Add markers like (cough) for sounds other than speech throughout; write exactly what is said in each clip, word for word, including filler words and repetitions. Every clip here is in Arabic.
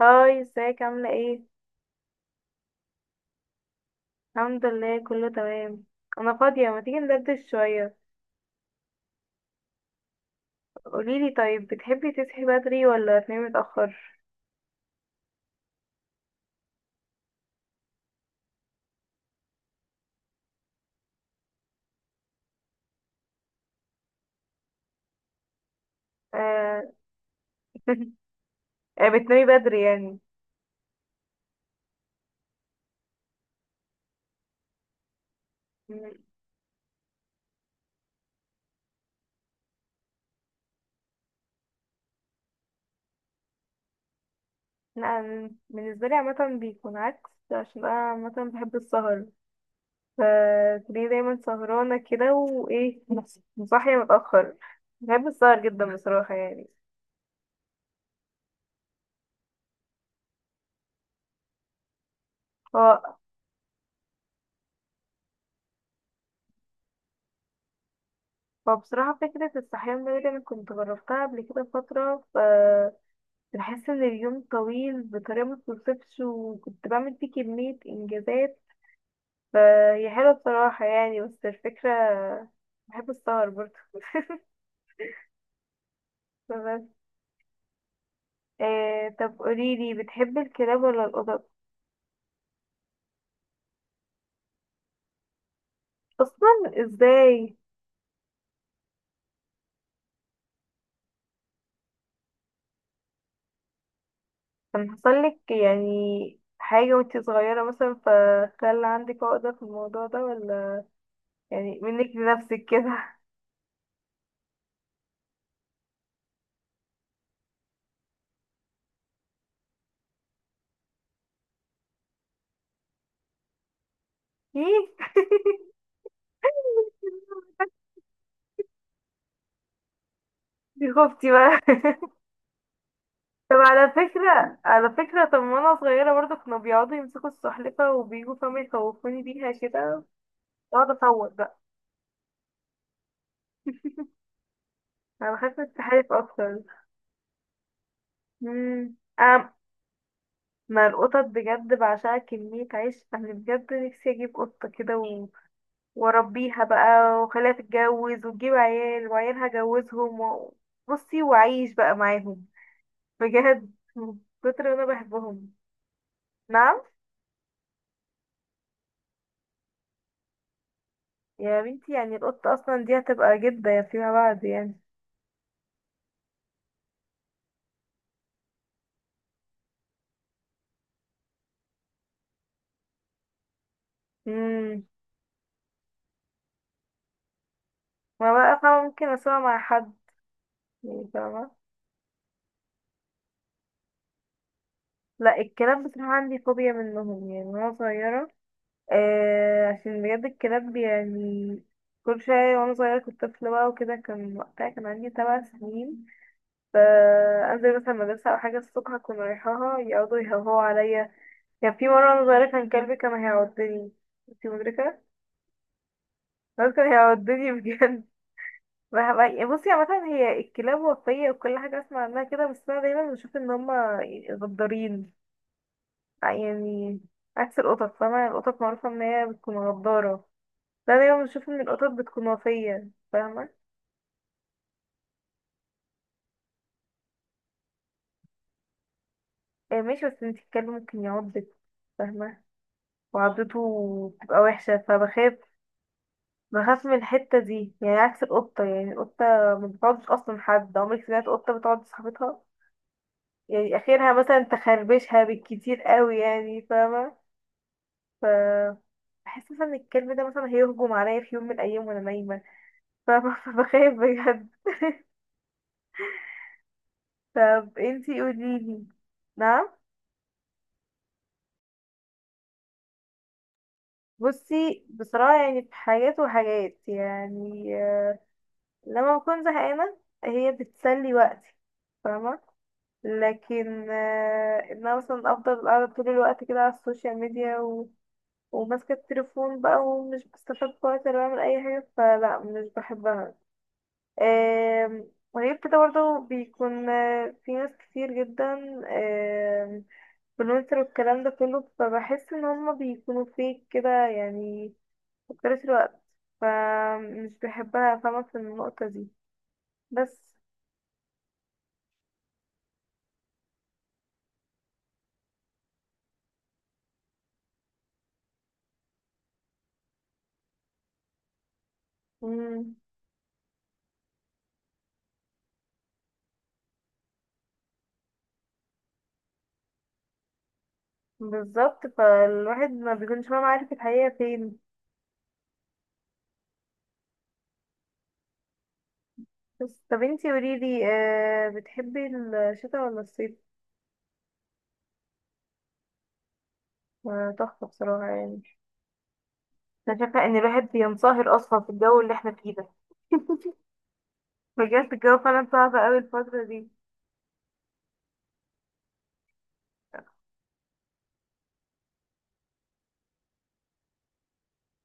هاي، ازيك عاملة ايه؟ الحمد لله، كله تمام. انا فاضية، ما تيجي ندردش شوية؟ قوليلي طيب، بتحبي تصحي بدري ولا تنامي متأخر؟ آه. (laughs) آه، بتنامي بدري يعني. م- لا، أنا بالنسبة لي عامة بيكون عكس، عشان انا عامة بحب السهر. فتلاقيني دايما سهرانة كده، وايه، صاحية متأخر. بحب السهر جدا بصراحة يعني. ف... فبصراحة فكرة الصحيان بدري، أنا كنت جربتها قبل كده فترة. بحس ان اليوم طويل بطريقة ما تتوصفش، وكنت بعمل فيه كمية انجازات. فهي حلوة بصراحة يعني، بس الفكرة. بحب السهر برضه. بس. آه، طب قوليلي، بتحبي الكلاب ولا القطط؟ اصلا، ازاي؟ كان حصلك يعني حاجة وانتي صغيرة مثلا، فخلى عندك عقدة في الموضوع ده ولا؟ يعني منك لنفسك كده. (laughs) ايه؟ (laughs) دي خفتي بقى. طب على فكرة على فكرة، طب وانا صغيرة برضه كانوا بيقعدوا يمسكوا السلحفة وبيجوا فاهمة يخوفوني بيها كده. اقعد اصوت بقى. (laughs) انا بخاف من السحالف اكتر. امم أم ما القطط بجد بعشقها، كمية عيش انا بجد نفسي اجيب قطة كده و... واربيها بقى واخليها تتجوز وتجيب عيال وعيالها اجوزهم و... بصي واعيش بقى معاهم. بجد من كتر ما انا بحبهم. نعم. يا بنتي، يعني القطة اصلا دي هتبقى جدة فيما بعد يعني. امم ما بقى فاهمة، ممكن اسمع مع حد، يعني فاهمة. لا، الكلاب بصراحة عندي فوبيا منهم يعني وانا صغيرة. آه، عشان بجد الكلاب يعني، كل شوية وانا صغيرة كنت طفلة بقى وكده، كان وقتها كان عندي سبع سنين. فأنزل مثلا مدرسة أو حاجة الصبح أكون رايحاها، يقعدوا يهوهوا عليا. كان في مرة وأنا صغيرة كان كلبي كان هيعضني. انتي مدركة؟ بس كان هيعضني (laughs) بجد. ما- بصي، عامة هي الكلاب وفية وكل حاجة أسمع عنها كده، بس أنا دايما بشوف إن هما غدارين يعني، عكس القطط، فاهمة. القطط معروفة إن هي بتكون غدارة، ده دايما بشوف إن القطط بتكون وفية، فاهمة. آه، ماشي، بس انتي الكلب ممكن يعضك، فاهمة، وعضته بتبقى وحشة فبخاف. بخاف من الحتة دي يعني. عكس القطة يعني، القطة ما بتعضش أصلا. حد عمرك سمعت قطة بتعض صاحبتها؟ يعني آخرها مثلا تخربشها بالكتير قوي يعني، فاهمة. ف بحس مثلا ان الكلب ده مثلا هيهجم عليا في يوم من الايام وانا نايمه. ف- (laughs) فبخاف بجد. طب انتي قوليلي. نعم. بصي بصراحه، يعني في حاجات وحاجات يعني. آه، لما بكون زهقانه، هي بتسلي وقتي، فاهمه. لكن آه، ان انا مثلا افضل قاعده طول الوقت كده على السوشيال ميديا و... وماسكه التليفون بقى، ومش بستفاد بوقت ولا بعمل اي حاجه، فلا مش بحبها. آم، وغير كده برضه بيكون آه، في ناس كتير جدا آم، بلونسر والكلام ده كله، فبحس ان هما بيكونوا فيك كده يعني، مكترث الوقت. فمش بحبها فاهمة في النقطة دي. بس. مم. بالظبط، فالواحد ما بيكونش فاهم عارف الحقيقة فين. بس طب انتي قوليلي، آه، بتحبي الشتاء ولا الصيف؟ آه، تحفة بصراحة يعني. أنا شايفة إن الواحد بينصهر أصلا في الجو اللي احنا فيه ده. بجد الجو فعلا صعب قوي الفترة دي.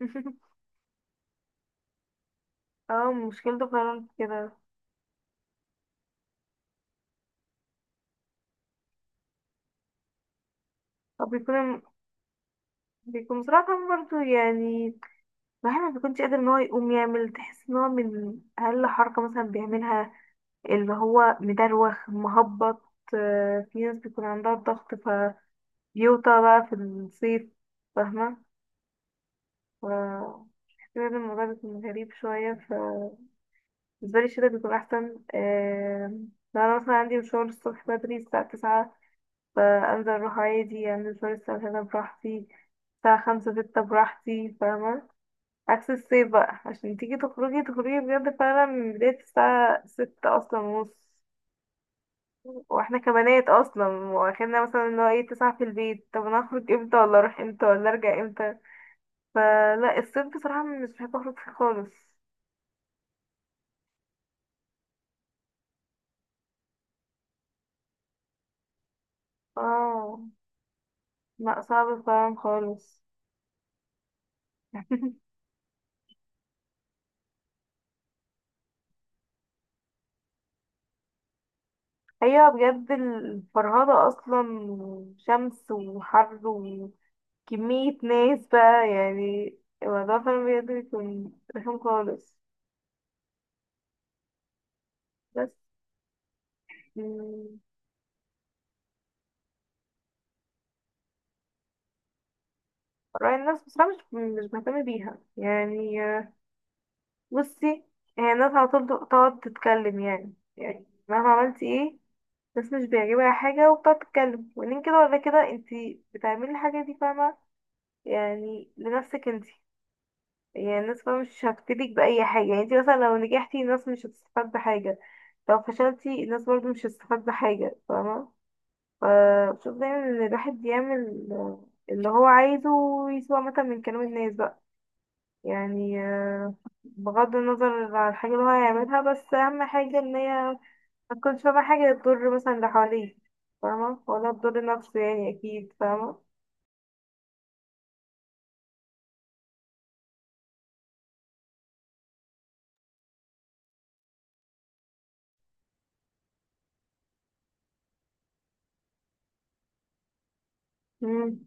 (laughs) اه، مشكلته فعلا في كده. هو بيكون بيكون بصراحة برضه يعني. الواحد ما بيكونش قادر ان هو يقوم يعمل، تحس ان هو من اقل حركة مثلا بيعملها اللي هو مدروخ مهبط. آه، في ناس بيكون عندها ضغط فبيوطى بقى في الصيف، فاهمة. ف كده الموضوع بيكون غريب شوية. ف بالنسبة لي الشتا بيكون أحسن. آه، لو أنا مثلا عندي مشوار الصبح بدري الساعة تسعة، فأنزل أروح عادي، أنزل شوية الساعة تلاتة براحتي، الساعة خمسة ستة براحتي، فاهمة. عكس الصيف بقى، عشان تيجي تخرجي تخرجي بجد فعلا من بداية الساعة ستة أصلا ونص. واحنا كبنات اصلا واخدنا مثلا ان هو ايه، تسعة في البيت، طب انا هخرج امتى ولا اروح امتى ولا ارجع امتى؟ فلا، الصيف بصراحة مش بحب اخرج فيه خالص. اه، لا صعب فعلا خالص. (laughs) ايوه بجد، الفرهدة اصلا وشمس وحر، كمية ناس بقى يعني. الموضوع فعلا بجد بيكون رخم خالص. بس. مم. رأي الناس بصراحة مش مش مهتمة بيها يعني. آه، بصي، هي الناس على طول تقعد تتكلم، يعني يعني مهما عملتي ايه الناس مش بيعجبها حاجة، وبتقعد تتكلم، وبعدين كده ولا كده انتي بتعملي الحاجة دي، فاهمة، يعني لنفسك انتي. يعني الناس فاهمة مش هتفيدك بأي حاجة، يعني انتي مثلا لو نجحتي الناس مش هتستفاد بحاجة، لو فشلتي الناس برضو مش هتستفاد بحاجة، فاهمة. آه، بشوف دايما ان الواحد يعمل آه، اللي هو عايزه ويسوى مثلا من كلام الناس بقى يعني. آه، بغض النظر عن الحاجة اللي هو هيعملها، بس اهم حاجة ان هي ما تكونش فاهمة حاجة تضر مثلا اللي حواليه، فاهمة، ولا تضر نفسه يعني، اكيد فاهمة. مم،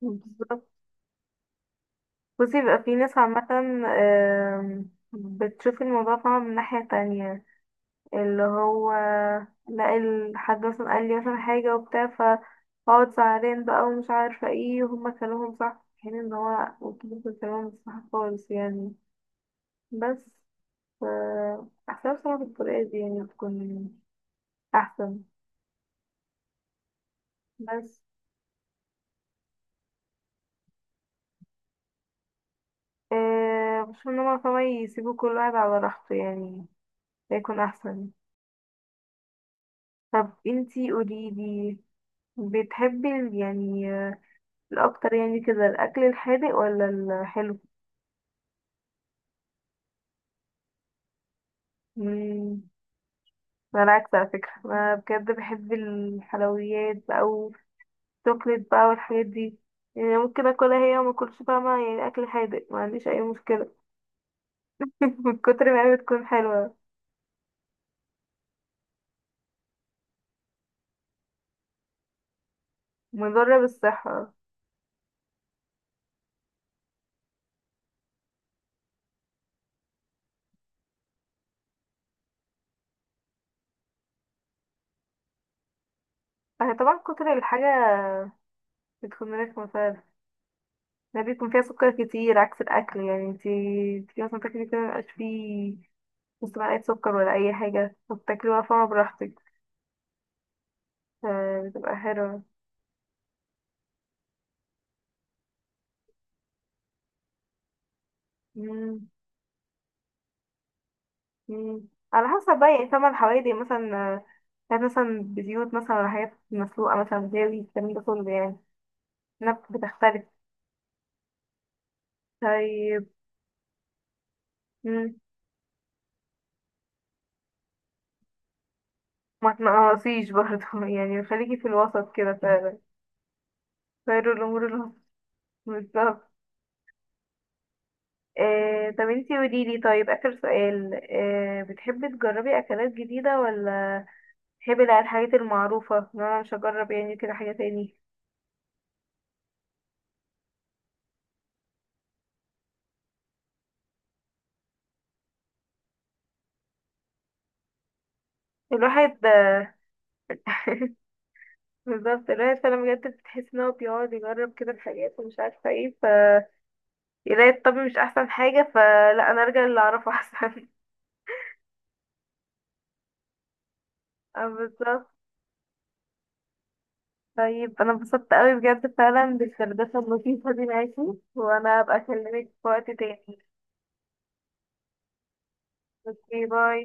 بالظبط. بصي بقى، في ناس عامة آم، بتشوف الموضوع، فاهمة، من ناحية تانية، اللي هو لا الحاج مثلا قال لي مثلا حاجة وبتاع، فاقعد زعلان بقى ومش عارفة ايه، وهما كلامهم صح، في حين ان هو ممكن كلامهم مش صح خالص يعني. بس. ف أحسن بصراحة بالطريقة دي، يعني تكون أحسن. بس أه بشوف ان هما فما يسيبوا كل واحد على راحته يعني، ده يكون أحسن. طب انتي قوليلي، بتحبي ال- يعني آه، الأكتر يعني كده الأكل الحادق ولا الحلو؟ مم. انا العكس على فكرة، انا بجد بحب الحلويات بقى والشوكليت بقى والحاجات دي. يعني ممكن اكلها هي وما اكلش، فاهمة، يعني اكل حادق ما عنديش اي مشكلة. (laughs) من كتر ما هي بتكون حلوة، مضرة بالصحة. اه، طبعا كتر الحاجة بتكون رخمة فعلا. ده بيكون فيها سكر كتير، عكس الأكل يعني انتي انتي مثلا تاكلي كده مبيبقاش فيه نص معلقة سكر ولا أي حاجة، وبتاكلي بقى فاهمة براحتك، فبتبقى حلوة. مم. مم. على حسب بقى يعني، ثمن حوالي مثلا، آه، حاجات مثلا بزيوت مثلا ولا حاجات مسلوقة مثلا، جاوي الكلام ده كله يعني. نب بتختلف. طيب. مم. ما تنقصيش برضه (laughs) يعني خليكي في الوسط كده فعلا، خير الأمور الوسط. (laughs) بالظبط. آه، طب انتي قوليلي، طيب آخر سؤال، آه بتحبي تجربي أكلات جديدة، ولا بتحبي لا الحاجات المعروفة إن أنا مش هجرب يعني كده حاجة تاني؟ الواحد. (laughs) بالظبط، الواحد فعلا بجد بتحس ان هو بيقعد يجرب كده الحاجات ومش عارفه ايه، ف يلاقي الطبي مش احسن حاجه، فلا انا ارجع اللي اعرفه احسن. (laughs) اه، بالظبط. طيب انا انبسطت قوي بجد فعلا بالدردشه اللطيفه دي معاكي، وانا هبقى اكلمك في وقت تاني. اوكي، باي.